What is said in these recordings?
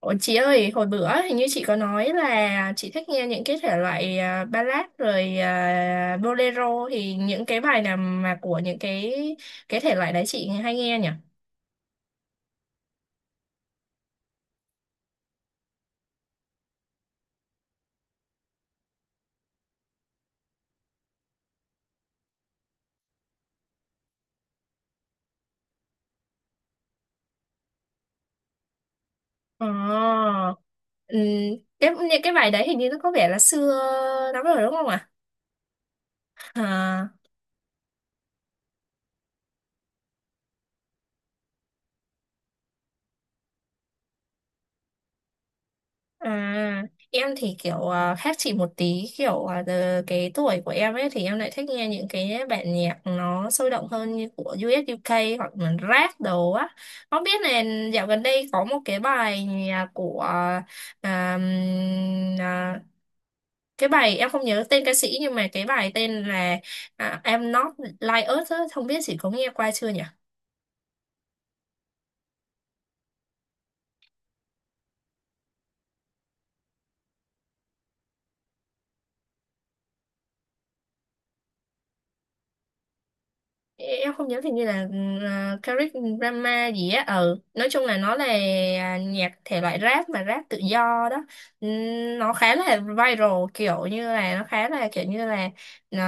Ủa, chị ơi, hồi bữa hình như chị có nói là chị thích nghe những cái thể loại ballad rồi bolero thì những cái bài nào mà của những cái thể loại đấy chị hay nghe nhỉ? Ờ, ừm, cái những cái bài đấy hình như nó có vẻ là xưa lắm rồi đúng không ạ? À? À, em thì kiểu khác chị một tí kiểu giờ cái tuổi của em ấy thì em lại thích nghe những cái bản nhạc nó sôi động hơn như của U.S. u UK hoặc là rap đồ á. Không biết là dạo gần đây có một cái bài nhạc của à, ừm, à, cái bài em không nhớ tên ca sĩ nhưng mà cái bài tên là I'm Not Like Us á, không biết chị có nghe qua chưa nhỉ? Em không nhớ, thì như là Caric Drama gì á, ừ nói chung là nó là nhạc thể loại rap mà rap tự do đó. Nó khá là viral, kiểu như là nó khá là kiểu như là ờ,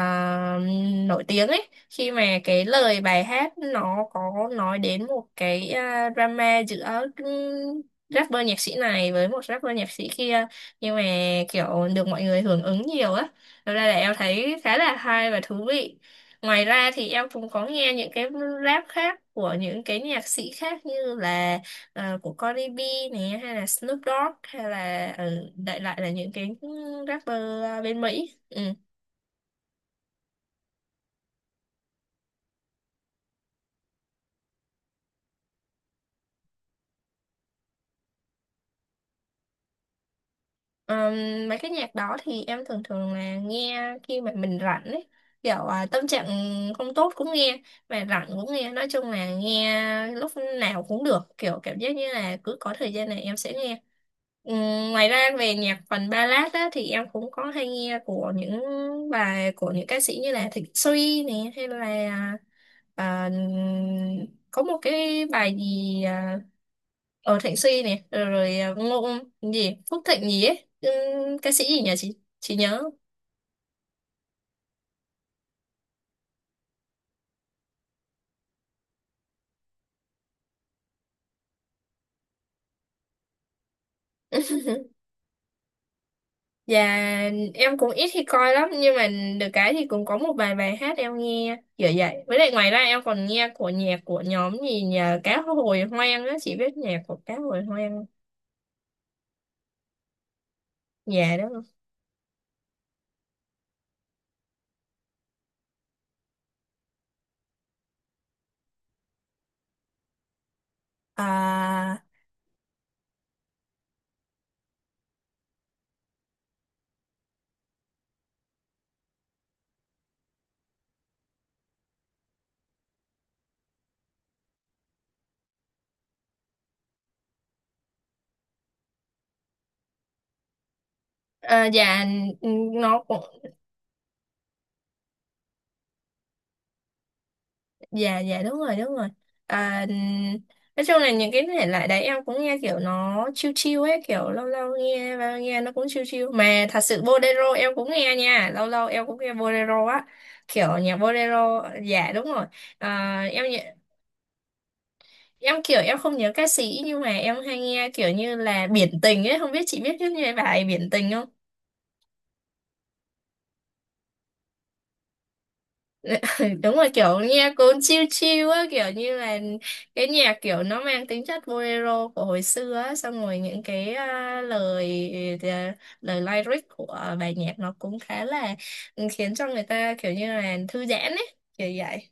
nổi tiếng ấy, khi mà cái lời bài hát nó có nói đến một cái drama giữa rapper nhạc sĩ này với một rapper nhạc sĩ kia, nhưng mà kiểu được mọi người hưởng ứng nhiều á. Thật ra là em thấy khá là hay và thú vị. Ngoài ra thì em cũng có nghe những cái rap khác của những cái nhạc sĩ khác như là của Cardi B này, hay là Snoop Dogg, hay là đại loại là những cái rapper à, bên Mỹ. Ừ. Ờm, mấy cái nhạc đó thì em thường thường là nghe khi mà mình rảnh ấy, kiểu à, tâm trạng không tốt cũng nghe, mà rảnh cũng nghe, nói chung là nghe lúc nào cũng được, kiểu cảm giác như là cứ có thời gian này em sẽ nghe. Ngoài ra về nhạc phần ballad á, thì em cũng có hay nghe của những bài của những ca sĩ như là Thịnh Suy nè, hay là à, có một cái bài gì ở Thịnh Suy này rồi, rồi Ngô gì Phúc Thịnh gì ấy. Ca sĩ gì nhỉ, chị nhớ. Và em cũng ít khi coi lắm nhưng mà được cái thì cũng có một vài bài hát em nghe kiểu vậy, với lại ngoài ra em còn nghe của nhạc của nhóm gì nhờ, Cá Hồi Hoang á, chị biết nhạc của Cá Hồi Hoang nhà đó không? à, dạ nó cũng dạ, dạ đúng rồi đúng rồi. à, nói chung là những cái thể loại đấy em cũng nghe kiểu nó chill chill ấy, kiểu lâu lâu nghe và nghe nó cũng chill chill, mà thật sự bolero em cũng nghe nha, lâu lâu em cũng nghe bolero á, kiểu nhạc bolero. Dạ đúng rồi. à, em nhớ- em kiểu em không nhớ ca sĩ, nhưng mà em hay nghe kiểu như là Biển Tình ấy, không biết chị biết cái bài Biển Tình không? Đúng là kiểu nghe cuốn chill chill á, kiểu như là cái nhạc kiểu nó mang tính chất bolero của hồi xưa á, xong rồi những cái lời lời lyric của bài nhạc nó cũng khá là khiến cho người ta kiểu như là thư giãn ấy, kiểu vậy.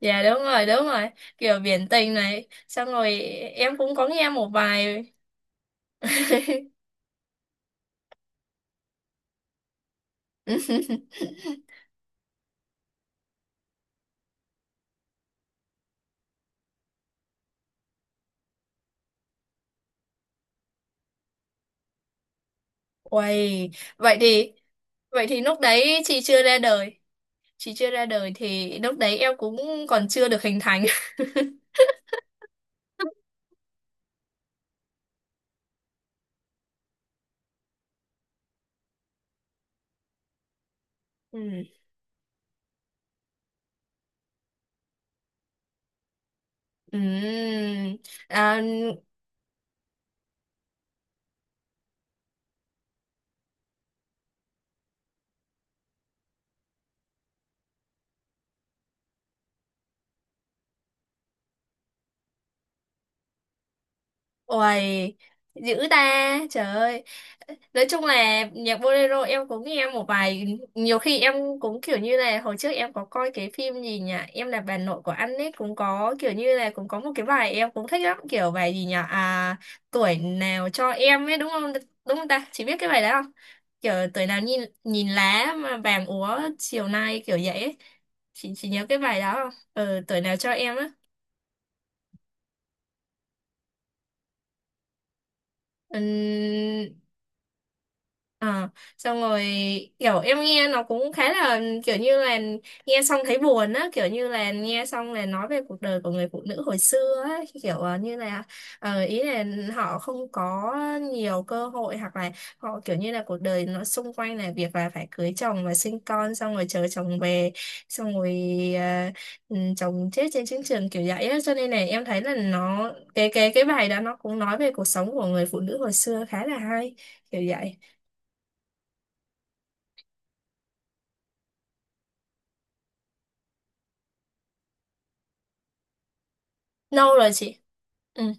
Dạ đúng rồi đúng rồi, kiểu biển tình này xong rồi em cũng có nghe một bài. Uầy, vậy thì vậy thì lúc đấy chị chưa ra đời, chị chưa ra đời thì lúc đấy em cũng còn chưa được hình thành. Ừ. Ừm, à, Uầy, dữ ta, trời ơi. Nói chung là nhạc bolero em cũng nghe một vài, nhiều khi em cũng kiểu như là hồi trước em có coi cái phim gì nhỉ, em là bà nội của anh ấy cũng có, kiểu như là cũng có một cái bài em cũng thích lắm, kiểu bài gì nhỉ, à tuổi nào cho em ấy đúng không ta, chỉ biết cái bài đó không? Kiểu tuổi nào nhìn nhìn lá mà vàng úa chiều nay kiểu vậy ấy. Chị nhớ cái bài đó không? Ừ, tuổi nào cho em á. Ừm, Ờ, xong rồi kiểu em nghe nó cũng khá là kiểu như là nghe xong thấy buồn á, kiểu như là nghe xong là nói về cuộc đời của người phụ nữ hồi xưa á, kiểu như là ý là họ không có nhiều cơ hội, hoặc là họ kiểu như là cuộc đời nó xung quanh là việc là phải cưới chồng và sinh con xong rồi chờ chồng về, xong rồi ờ, chồng chết trên chiến trường kiểu vậy á, cho nên là em thấy là nó cái bài đó nó cũng nói về cuộc sống của người phụ nữ hồi xưa khá là hay, kiểu vậy. Lâu rồi chị. Ừ.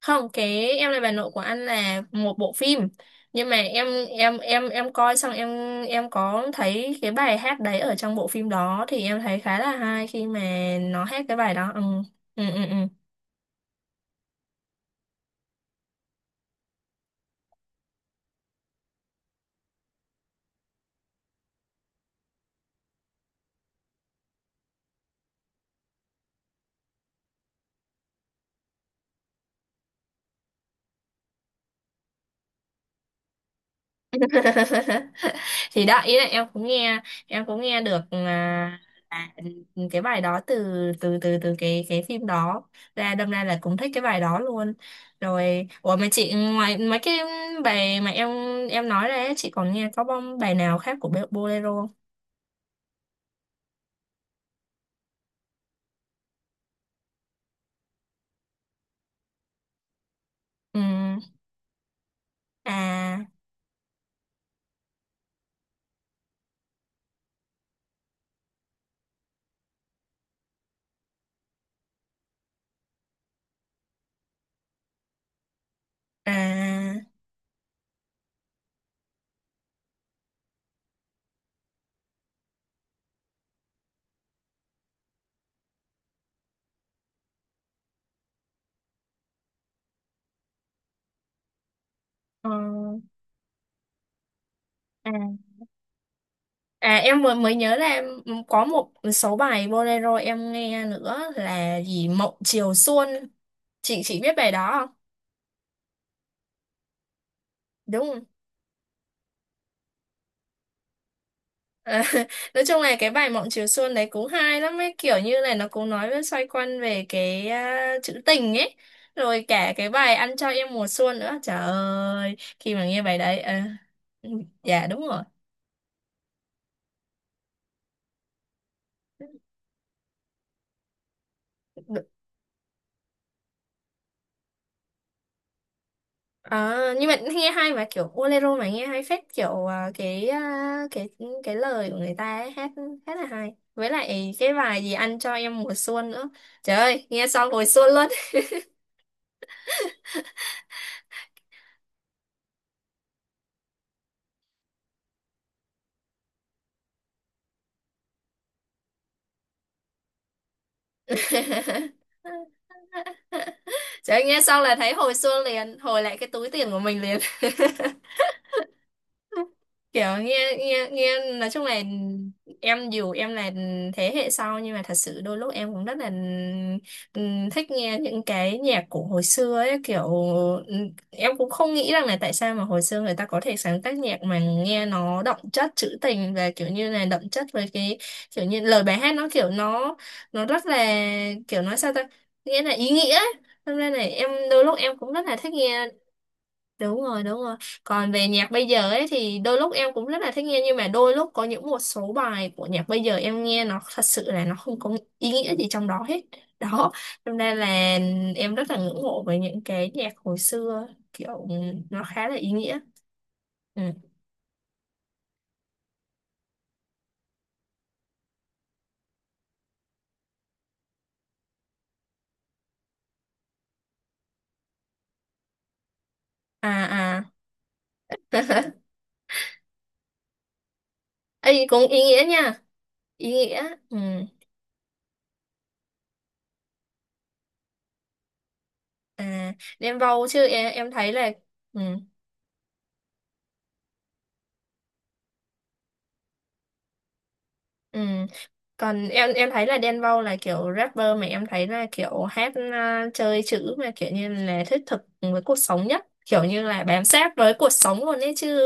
Không, cái em là bà nội của anh là một bộ phim, nhưng mà em coi xong em có thấy cái bài hát đấy ở trong bộ phim đó, thì em thấy khá là hay khi mà nó hát cái bài đó. Ừ ừ ừ, ừ. Thì đó ý là em cũng nghe, em cũng nghe được à, cái bài đó từ từ từ từ cái phim đó ra, đâm ra là cũng thích cái bài đó luôn. Rồi ủa mà chị, ngoài mấy cái bài mà em nói ra ấy, chị còn nghe có bom bài nào khác của Bolero không? Ừ, à à ờ, à. À em mới mới nhớ là em ừ, có một số bài bolero em nghe nữa là gì, Mộng Chiều Xuân. Chị biết bài đó. Đúng rồi. À, nói chung là cái bài Mộng Chiều Xuân đấy cũng hay lắm ấy, kiểu như này nó cũng nói với xoay quanh về cái chữ tình ấy, rồi cả cái bài Ăn cho em mùa xuân nữa, trời ơi khi mà nghe bài đấy à, dạ đúng rồi. Đ- À, nhưng mà nghe hay mà, kiểu bolero mà nghe hay phết, kiểu cái lời của người ta ấy, hát hát là hay, với lại cái bài gì Ăn cho em mùa xuân nữa, trời ơi nghe xong hồi xuân luôn. Trời ơi, nghe xong là thấy hồi xưa liền, hồi lại cái túi tiền của mình liền. Kiểu nghe nghe nghe nói chung là em dù em là thế hệ sau nhưng mà thật sự đôi lúc em cũng rất là thích nghe những cái nhạc của hồi xưa ấy, kiểu em cũng không nghĩ rằng là tại sao mà hồi xưa người ta có thể sáng tác nhạc mà nghe nó đậm chất trữ tình, và kiểu như là đậm chất với cái kiểu như lời bài hát nó kiểu nó rất là kiểu nói sao ta, nghĩa là ý nghĩa ấy. Hôm nay này em đôi lúc em cũng rất là thích nghe. Đúng rồi đúng rồi. Còn về nhạc bây giờ ấy thì đôi lúc em cũng rất là thích nghe, nhưng mà đôi lúc có những một số bài của nhạc bây giờ em nghe nó thật sự là nó không có ý nghĩa gì trong đó hết đó, cho nên là em rất là ngưỡng mộ với những cái nhạc hồi xưa, kiểu nó khá là ý nghĩa. Ừ. À à ấy cũng ý nghĩa nha. Ý nghĩa ừ. À đem vào chứ em thấy là ừ. Ừ. Còn em thấy là Đen Vâu là kiểu rapper mà em thấy là kiểu hát chơi chữ mà kiểu như là thiết thực với cuộc sống nhất, kiểu như là bám sát với cuộc sống luôn ấy chứ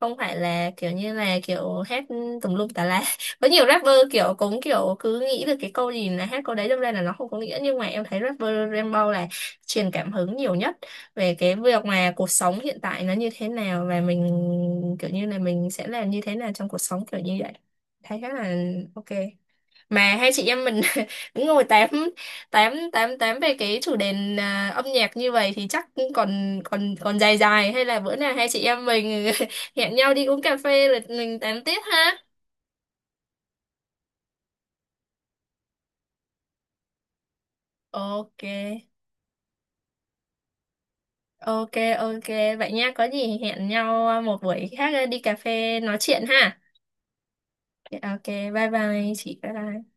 không phải là kiểu như là kiểu hát tùm lum tà la. Có nhiều rapper kiểu cũng kiểu cứ nghĩ được cái câu gì là hát câu đấy đâm ra là nó không có nghĩa, nhưng mà em thấy rapper Đen Vâu là truyền cảm hứng nhiều nhất về cái việc mà cuộc sống hiện tại nó như thế nào và mình kiểu như là mình sẽ làm như thế nào trong cuộc sống kiểu như vậy, thấy khá là ok. Mà hai chị em mình cũng ngồi tám tám tám tám về cái chủ đề âm nhạc như vậy thì chắc cũng còn còn còn dài dài, hay là bữa nào hai chị em mình hẹn nhau đi uống cà phê rồi mình tám tiếp ha. Ok ok ok vậy nha, có gì hẹn nhau một buổi khác đi cà phê nói chuyện ha. Ok. Bye bye chị, bye bye.